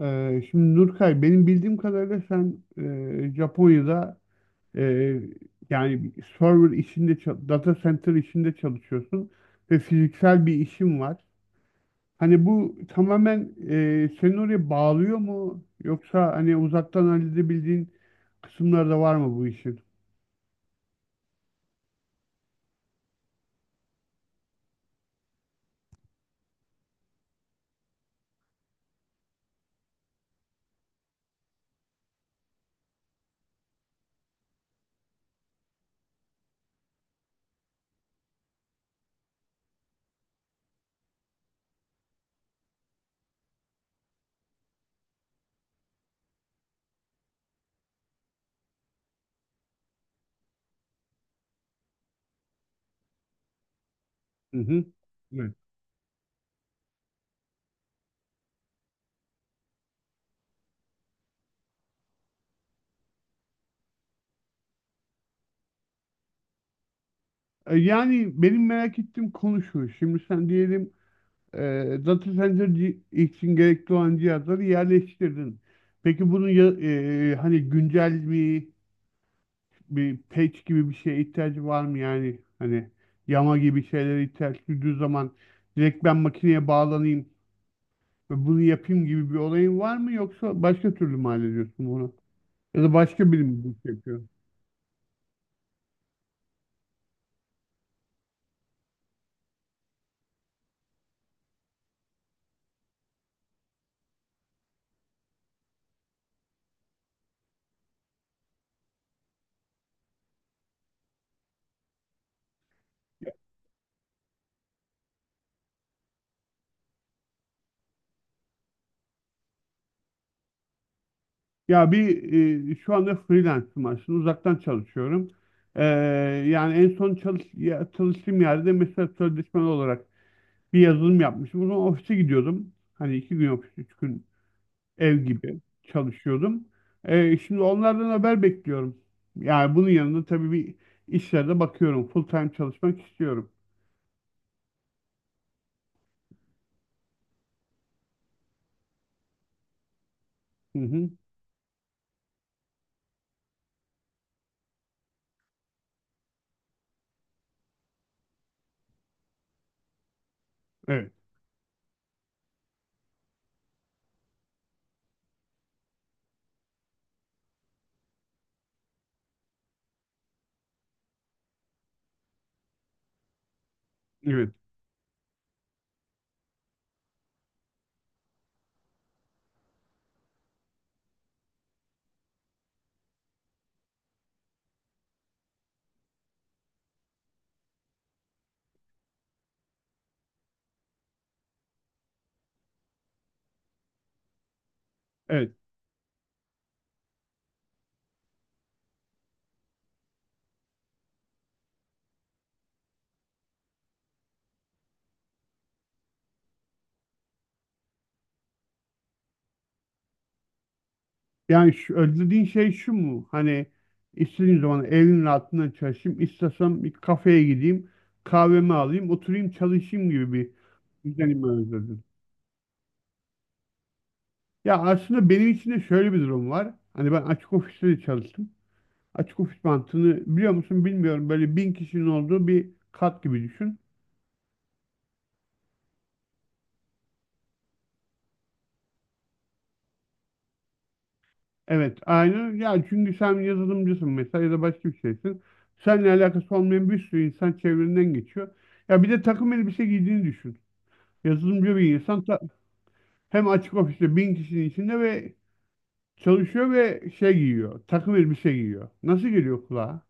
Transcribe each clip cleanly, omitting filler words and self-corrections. Şimdi Nurkay, benim bildiğim kadarıyla sen Japonya'da, e, yani data center işinde çalışıyorsun ve fiziksel bir işin var. Hani bu tamamen seni oraya bağlıyor mu? Yoksa hani uzaktan halledebildiğin kısımları da var mı bu işin? Hı hı. Evet. Yani benim merak ettiğim konu şu. Şimdi sen diyelim e, data center için gerekli olan cihazları yerleştirdin. Peki bunun hani güncel bir patch gibi bir şeye ihtiyacı var mı, yani hani yama gibi şeylere ihtiyaç duyduğu zaman direkt ben makineye bağlanayım ve bunu yapayım gibi bir olayın var mı, yoksa başka türlü mü hallediyorsun bunu? Ya da başka biri mi bunu yapıyor? Ya, şu anda freelance'ım, aslında uzaktan çalışıyorum. Ee, Yani en son çalıştığım yerde mesela sözleşmeli olarak bir yazılım yapmıştım. O zaman ofise gidiyordum. Hani 2 gün ofis, 3 gün ev gibi çalışıyordum. Şimdi onlardan haber bekliyorum. Yani bunun yanında tabii bir işlerde bakıyorum. Full time çalışmak istiyorum. Hı hı. Evet, evet, evet. Yani şu, ödediğin şey şu mu? Hani istediğim zaman evimin altından çalışayım. İstesem bir kafeye gideyim. Kahvemi alayım, oturayım, çalışayım gibi bir düzenimi özledim. Ya, aslında benim için de şöyle bir durum var. Hani ben açık ofiste de çalıştım. Açık ofis mantığını biliyor musun, bilmiyorum. Böyle bin kişinin olduğu bir kat gibi düşün. Evet, aynı. Ya çünkü sen yazılımcısın mesela, ya da başka bir şeysin. Seninle alakası olmayan bir sürü insan çevrenden geçiyor. Ya bir de takım elbise giydiğini düşün. Yazılımcı bir insan hem açık ofiste bin kişinin içinde ve çalışıyor ve şey giyiyor. Takım elbise giyiyor. Nasıl geliyor kulağa?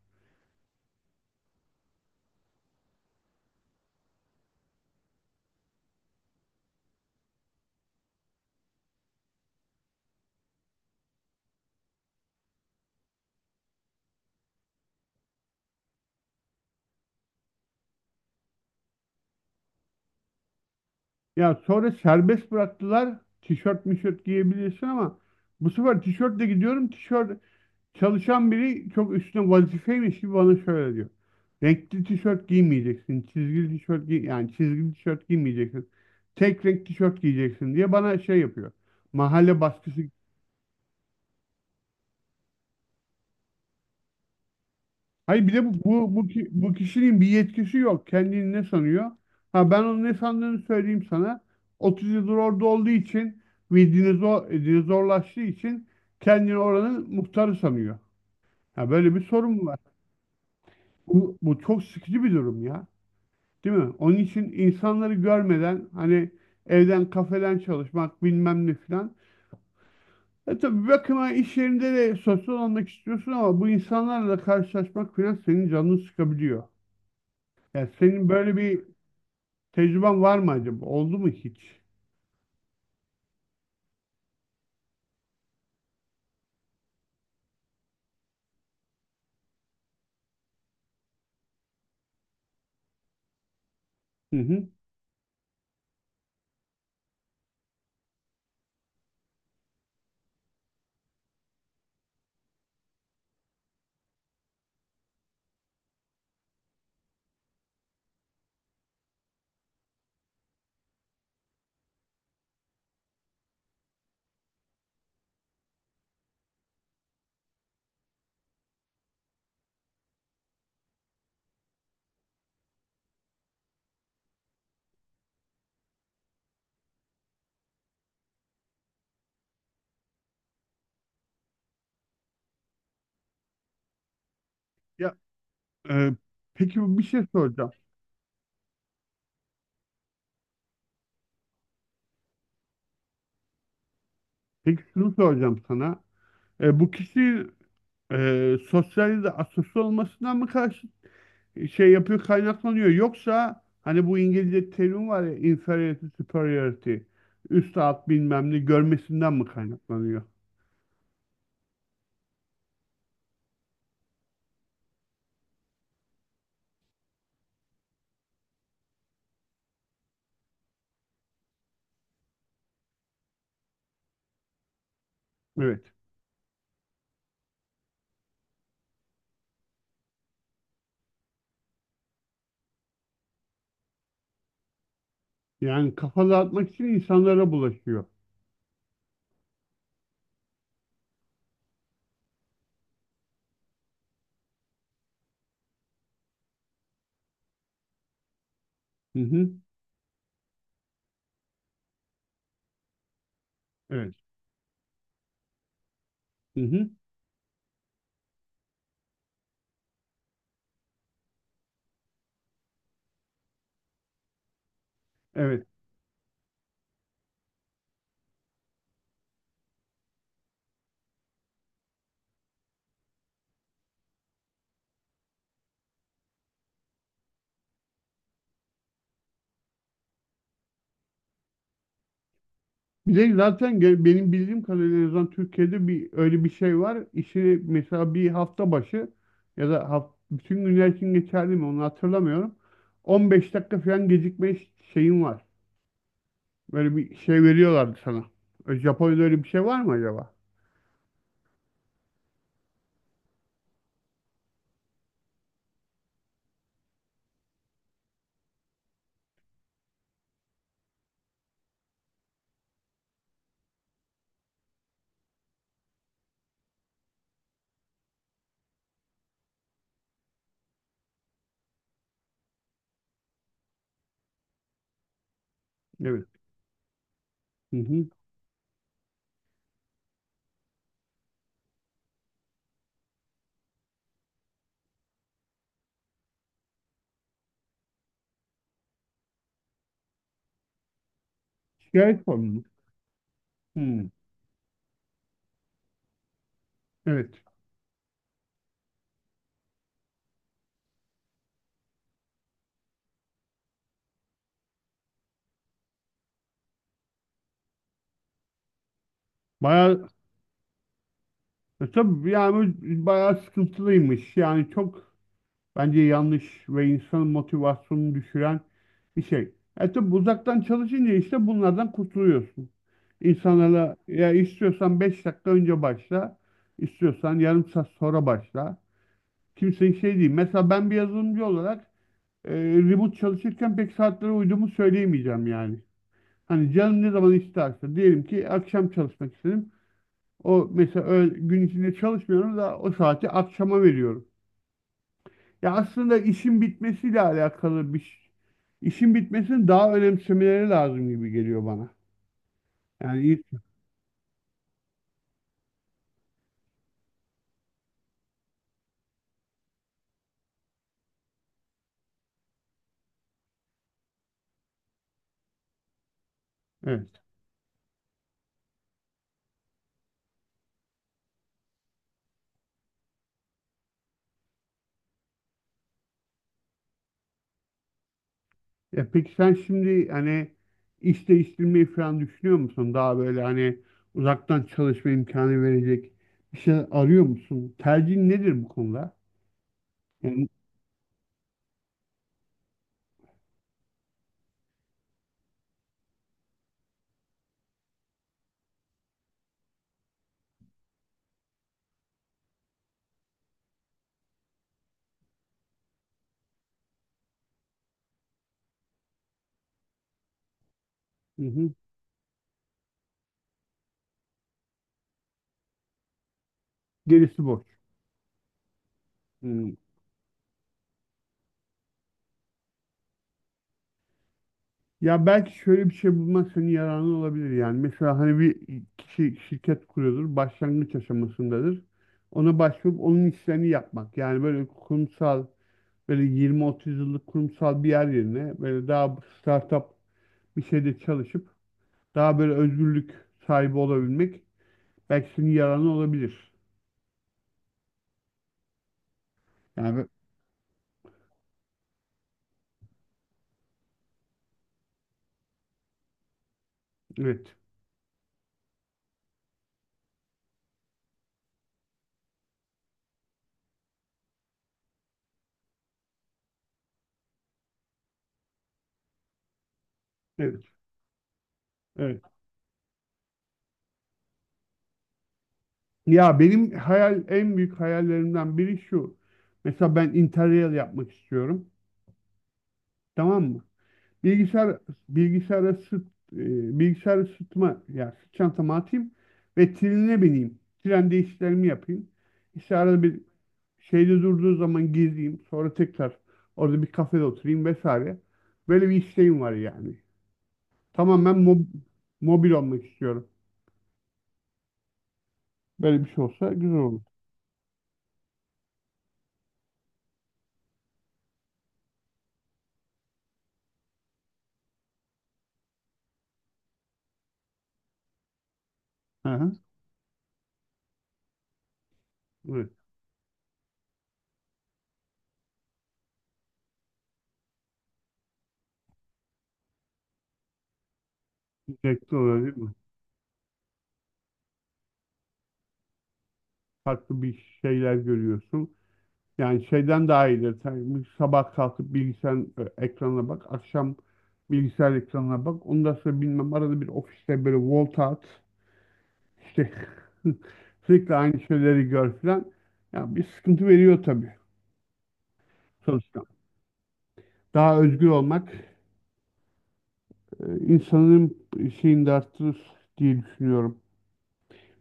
Ya sonra serbest bıraktılar. Tişört mişört giyebilirsin ama bu sefer tişörtle gidiyorum. Tişört çalışan biri çok üstüne vazifeymiş gibi bana şöyle diyor. Renkli tişört giymeyeceksin. Çizgili tişört giy, yani çizgili tişört giymeyeceksin. Tek renk tişört giyeceksin diye bana şey yapıyor. Mahalle baskısı. Hayır, bir de bu kişinin bir yetkisi yok. Kendini ne sanıyor? Ha, ben onun ne sandığını söyleyeyim sana. 30 yıldır orada olduğu için ve dinozorlaştığı için kendini oranın muhtarı sanıyor. Ha, böyle bir sorun var. Bu, bu çok sıkıcı bir durum ya. Değil mi? Onun için insanları görmeden hani evden, kafeden çalışmak bilmem ne filan. E tabii, bir bakıma iş yerinde de sosyal olmak istiyorsun ama bu insanlarla karşılaşmak filan senin canını sıkabiliyor. Yani senin böyle bir tecrüben var mı acaba? Oldu mu hiç? Hı hı. Ya e, peki bir şey soracağım. Peki şunu soracağım sana. Bu kişi sosyal de asosyal olmasından mı karşı şey yapıyor, kaynaklanıyor, yoksa hani bu İngilizce terim var ya, inferiority superiority, üst alt bilmem ne görmesinden mi kaynaklanıyor? Evet. Yani kafa dağıtmak için insanlara bulaşıyor. Hı hı. Evet. Hı hı. Evet. Bir de zaten benim bildiğim kadarıyla en azından Türkiye'de bir, öyle bir şey var. İşi mesela bir hafta başı ya da bütün günler için geçerli mi onu hatırlamıyorum. 15 dakika falan gecikme şeyin var. Böyle bir şey veriyorlardı sana. Japonya'da öyle bir şey var mı acaba? Evet. Hı hı. Şikayet formu mu? Hı. Evet. Bayağı, tabii yani bu bayağı sıkıntılıymış. Yani çok, bence yanlış ve insanın motivasyonunu düşüren bir şey. Tabi uzaktan çalışınca işte bunlardan kurtuluyorsun. İnsanlarla, ya istiyorsan 5 dakika önce başla, istiyorsan yarım saat sonra başla. Kimsenin şey değil. Mesela ben bir yazılımcı olarak e, remote çalışırken pek saatlere uyduğumu söyleyemeyeceğim yani. Hani canım ne zaman isterse, diyelim ki akşam çalışmak istedim. O mesela gün içinde çalışmıyorum da o saati akşama veriyorum. Ya aslında işin bitmesiyle alakalı bir işin bitmesini daha önemsemeleri lazım gibi geliyor bana. Yani iyi- evet. Ya peki sen şimdi hani iş değiştirmeyi falan düşünüyor musun? Daha böyle hani uzaktan çalışma imkanı verecek bir şey arıyor musun? Tercihin nedir bu konuda? Yani, hı hı. Gerisi boş. Hı. Ya belki şöyle bir şey bulmak senin yararına olabilir yani. Mesela hani bir kişi şirket kuruyordur, başlangıç aşamasındadır. Ona başvurup onun işlerini yapmak. Yani böyle kurumsal, böyle 20-30 yıllık kurumsal bir yer yerine böyle daha startup bir şeyde çalışıp daha böyle özgürlük sahibi olabilmek belki senin yararına olabilir. Yani ben- evet, evet, evet. Ya benim hayal, en büyük hayallerimden biri şu. Mesela ben Interrail yapmak istiyorum. Tamam mı? Bilgisayar bilgisayara sırt e, bilgisayara sırtıma ya sırt çantamı atayım ve trenine bineyim. Trende işlerimi yapayım. İşte arada bir şeyde durduğu zaman gezeyim. Sonra tekrar orada bir kafede oturayım vesaire. Böyle bir isteğim var yani. Tamamen mobil olmak istiyorum. Böyle bir şey olsa güzel olur. Hı hı. Evet, zevkli olur değil mi? Farklı bir şeyler görüyorsun. Yani şeyden daha iyidir. Sen bir sabah kalkıp bilgisayar ekranına bak. Akşam bilgisayar ekranına bak. Ondan sonra bilmem, arada bir ofiste böyle volta at. İşte sürekli aynı şeyleri gör filan. Ya bir sıkıntı veriyor tabii sonuçta. Daha özgür olmak insanın şeyini de arttırır diye düşünüyorum.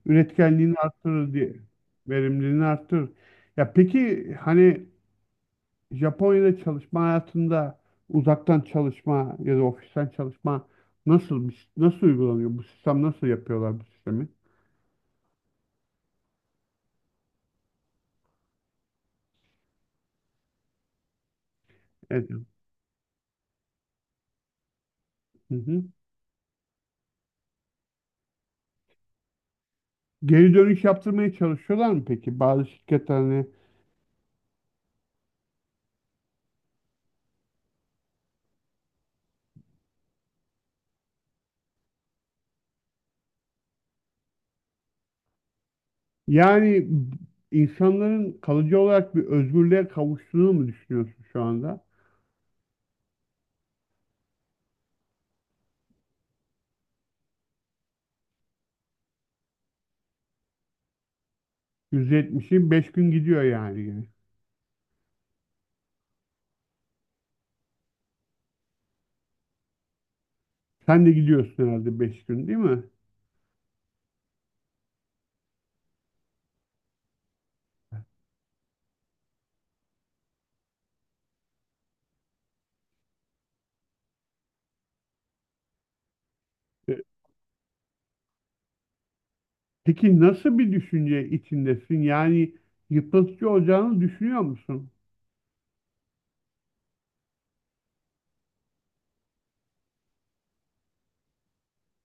Üretkenliğini arttırır diye. Verimliliğini arttırır. Ya peki hani Japonya'da çalışma hayatında uzaktan çalışma ya da ofisten çalışma nasıl nasıl uygulanıyor? Bu sistem, nasıl yapıyorlar bu sistemi? Evet. Hı hı. Geri dönüş yaptırmaya çalışıyorlar mı peki? Bazı şirketler hani, yani insanların kalıcı olarak bir özgürlüğe kavuştuğunu mu düşünüyorsun şu anda? %70'i 5 gün gidiyor yani yine. Sen de gidiyorsun herhalde 5 gün, değil mi? E, Peki nasıl bir düşünce içindesin? Yani yıpratıcı olacağını düşünüyor musun?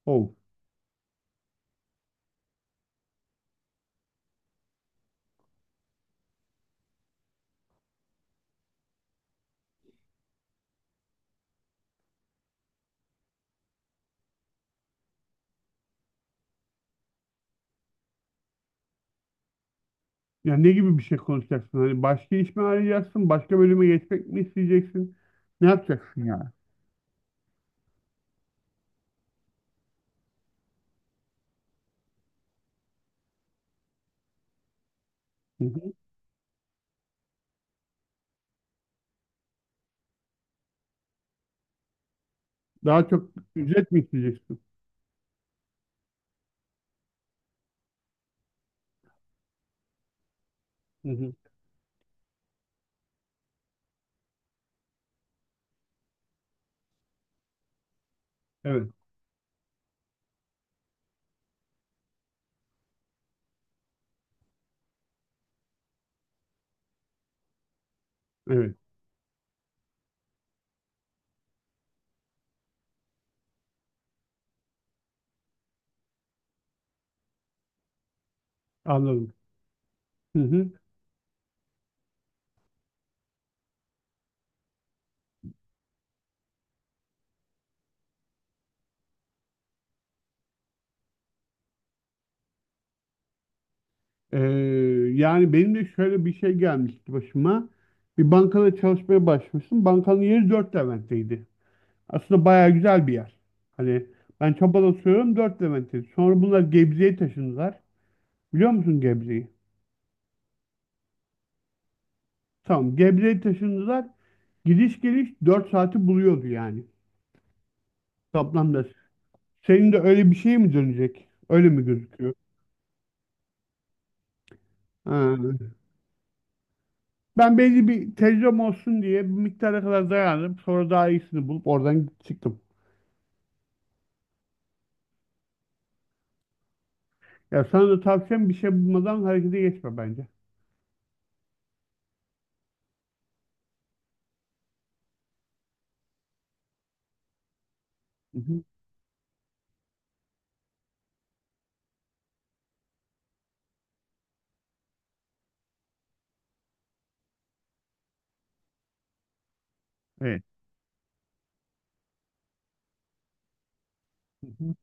Ol. Yani ne gibi bir şey konuşacaksın? Hani başka iş mi arayacaksın? Başka bölüme geçmek mi isteyeceksin? Ne yapacaksın yani? Hı hı. Daha çok ücret mi isteyeceksin? Hı hı. Evet, evet. Anladım. Hı hı. Ee, Yani benim de şöyle bir şey gelmişti başıma. Bir bankada çalışmaya başlamıştım. Bankanın yeri 4 Levent'teydi. Aslında bayağı güzel bir yer. Hani ben çabalıyorum, 4 Levent'teydi. Sonra bunlar Gebze'ye taşındılar. Biliyor musun Gebze'yi? Tamam. Gebze'ye taşındılar. Gidiş geliş 4 saati buluyordu yani. Toplamda. Senin de öyle bir şey mi dönecek? Öyle mi gözüküyor? Ha. Ben belli bir tecrübem olsun diye bir miktara kadar dayandım. Sonra daha iyisini bulup oradan çıktım. Ya, sana da tavsiyem, bir şey bulmadan harekete geçme bence. Hı hı. Evet. Hı hı.